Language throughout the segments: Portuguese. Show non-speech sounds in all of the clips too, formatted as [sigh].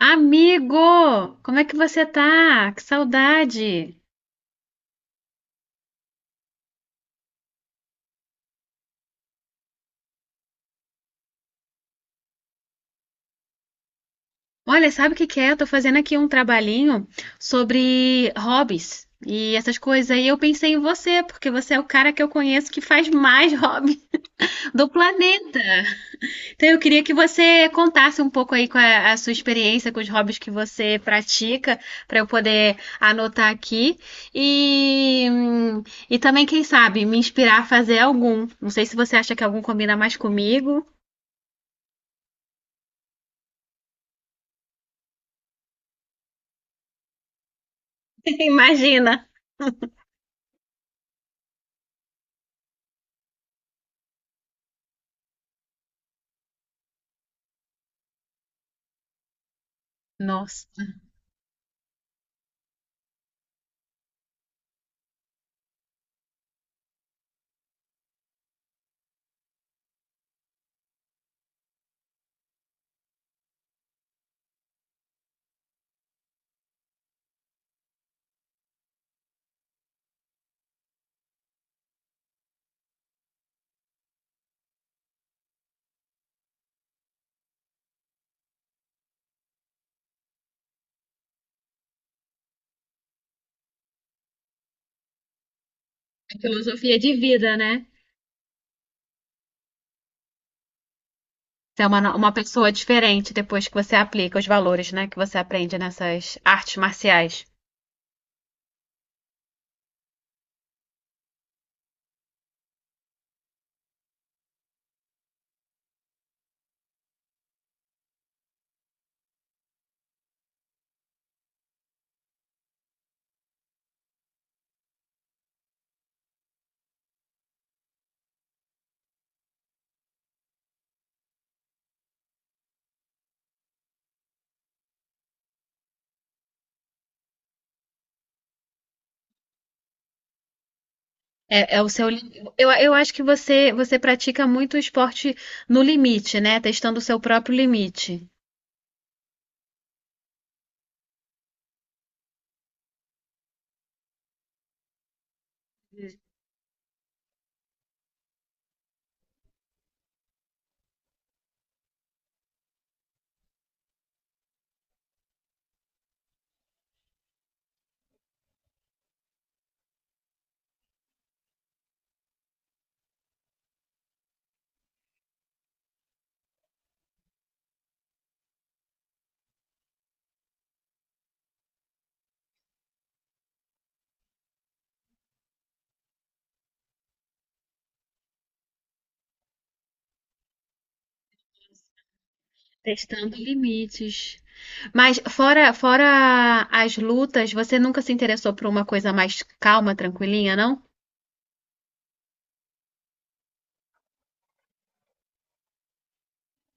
Amigo, como é que você tá? Que saudade! Olha, sabe o que que é? Eu tô fazendo aqui um trabalhinho sobre hobbies e essas coisas. E eu pensei em você, porque você é o cara que eu conheço que faz mais [laughs] hobby do planeta. Então eu queria que você contasse um pouco aí com a sua experiência com os hobbies que você pratica, para eu poder anotar aqui. E, hum, e também, quem sabe, me inspirar a fazer algum. Não sei se você acha que algum combina mais comigo. Imagina. Nossa, é filosofia de vida, né? Você é uma, no- uma pessoa diferente depois que você aplica os valores, né, que você aprende nessas artes marciais. É o eu acho que você pratica muito esporte no limite, né? Testando o seu próprio limite. Testando limites. Mas fora as lutas, você nunca se interessou por uma coisa mais calma, tranquilinha, não?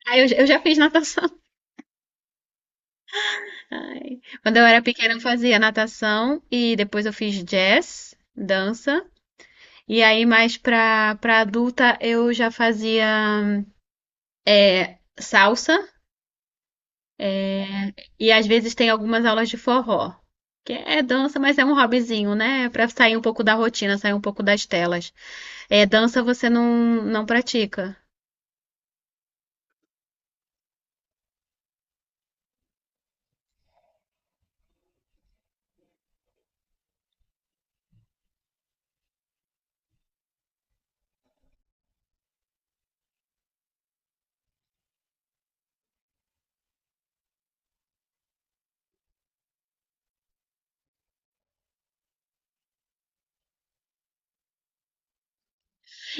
Ah, eu já fiz natação. Ai. Quando eu era pequena, eu fazia natação e depois eu fiz jazz, dança. E aí, mais pra adulta, eu já fazia salsa e às vezes tem algumas aulas de forró. Que é dança, mas é um hobbyzinho, né? É pra sair um pouco da rotina, sair um pouco das telas. É, dança você não pratica.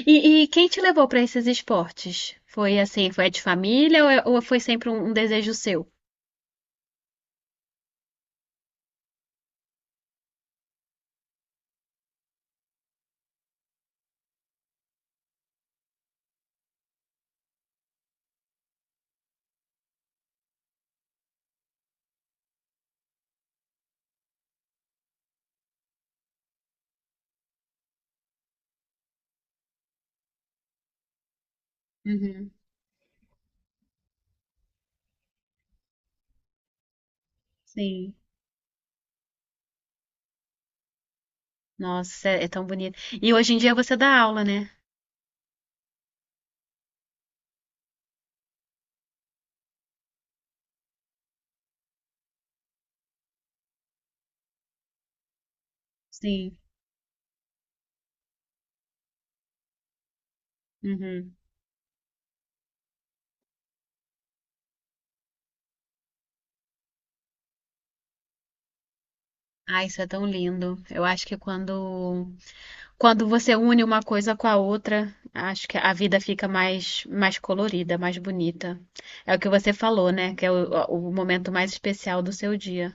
E quem te levou pra esses esportes? Foi assim, foi de família ou foi sempre um desejo seu? Uhum, sim. Nossa, é tão bonito. E hoje em dia você dá aula, né? Sim. Uhum. Ah, isso é tão lindo. Eu acho que quando você une uma coisa com a outra, acho que a vida fica mais colorida, mais bonita. É o que você falou, né? Que é o momento mais especial do seu dia.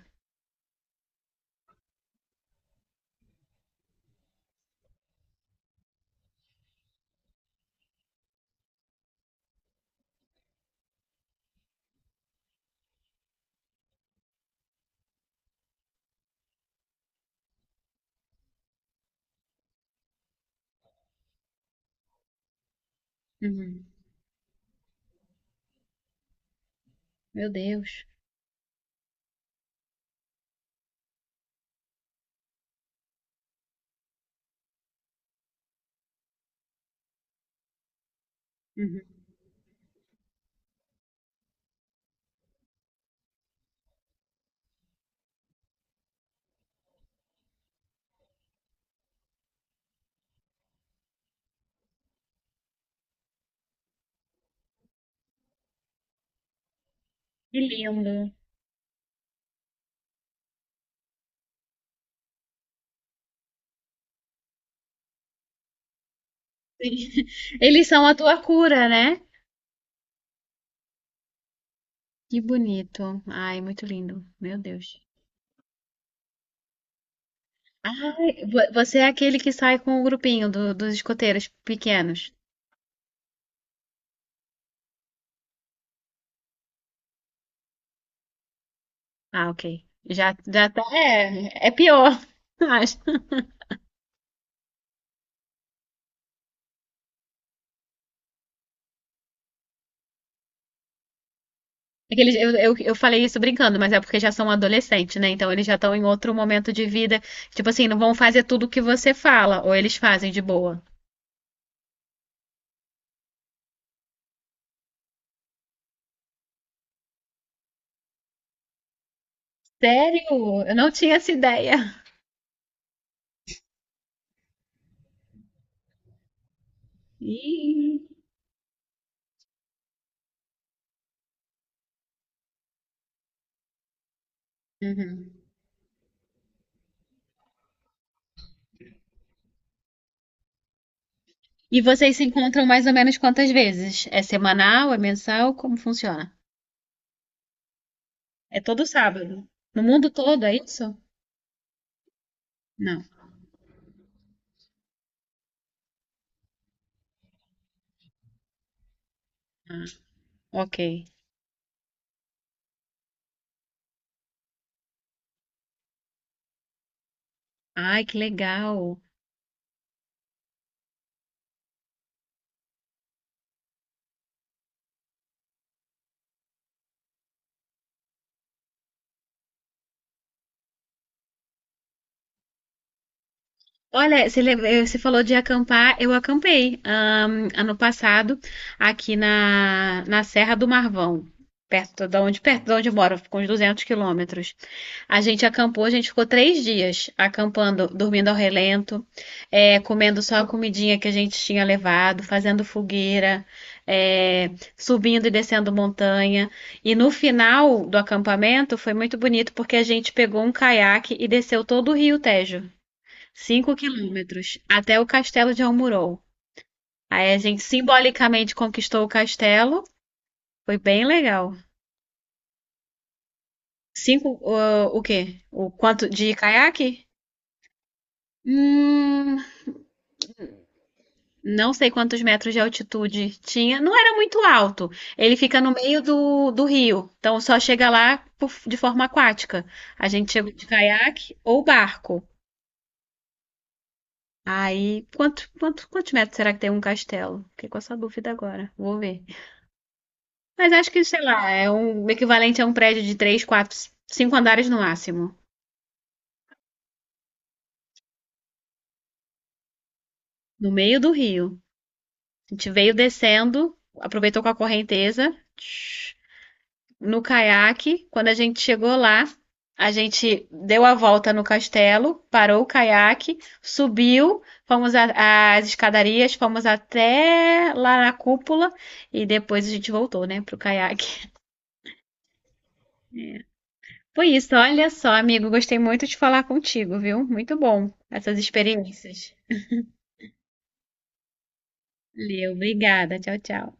Uhum. Meu Deus. Uhum. Que lindo. [laughs] Eles são a tua cura, né? Que bonito. Ai, muito lindo. Meu Deus. Ai, você é aquele que sai com o grupinho dos escoteiros pequenos. Ah, ok. Já, já tá. É pior, [laughs] acho. É que eu falei isso brincando, mas é porque já são adolescentes, né? Então eles já estão em outro momento de vida. Tipo assim, não vão fazer tudo o que você fala, ou eles fazem de boa. Sério? Eu não tinha essa ideia. Ih. Uhum. E vocês se encontram mais ou menos quantas vezes? É semanal? É mensal? Como funciona? É todo sábado. No mundo todo, é isso? Não. Ah. Ok. Ai, que legal. Olha, você falou de acampar, eu acampei, ano passado aqui na Serra do Marvão, perto de onde eu moro, com uns 200 km. A gente acampou, a gente ficou 3 dias acampando, dormindo ao relento, comendo só a comidinha que a gente tinha levado, fazendo fogueira, é, subindo e descendo montanha. E no final do acampamento foi muito bonito porque a gente pegou um caiaque e desceu todo o Rio Tejo, 5 km, até o castelo de Almurol. Aí a gente simbolicamente conquistou o castelo, foi bem legal. Cinco, o quê? O quanto de caiaque? Hum, não sei quantos metros de altitude tinha, não era muito alto. Ele fica no meio do rio, então só chega lá de forma aquática. A gente chegou de caiaque ou barco. Aí, quantos metros será que tem um castelo? Fiquei com essa dúvida agora, vou ver. Mas acho que, sei lá, é o equivalente a um prédio de três, quatro, cinco andares no máximo, no meio do rio. A gente veio descendo, aproveitou com a correnteza. No caiaque. Quando a gente chegou lá, a gente deu a volta no castelo, parou o caiaque, subiu, fomos às escadarias, fomos até lá na cúpula e depois a gente voltou, né, pro caiaque. [laughs] Foi isso, olha só, amigo, gostei muito de falar contigo, viu? Muito bom essas experiências. Valeu, obrigada. Tchau, tchau.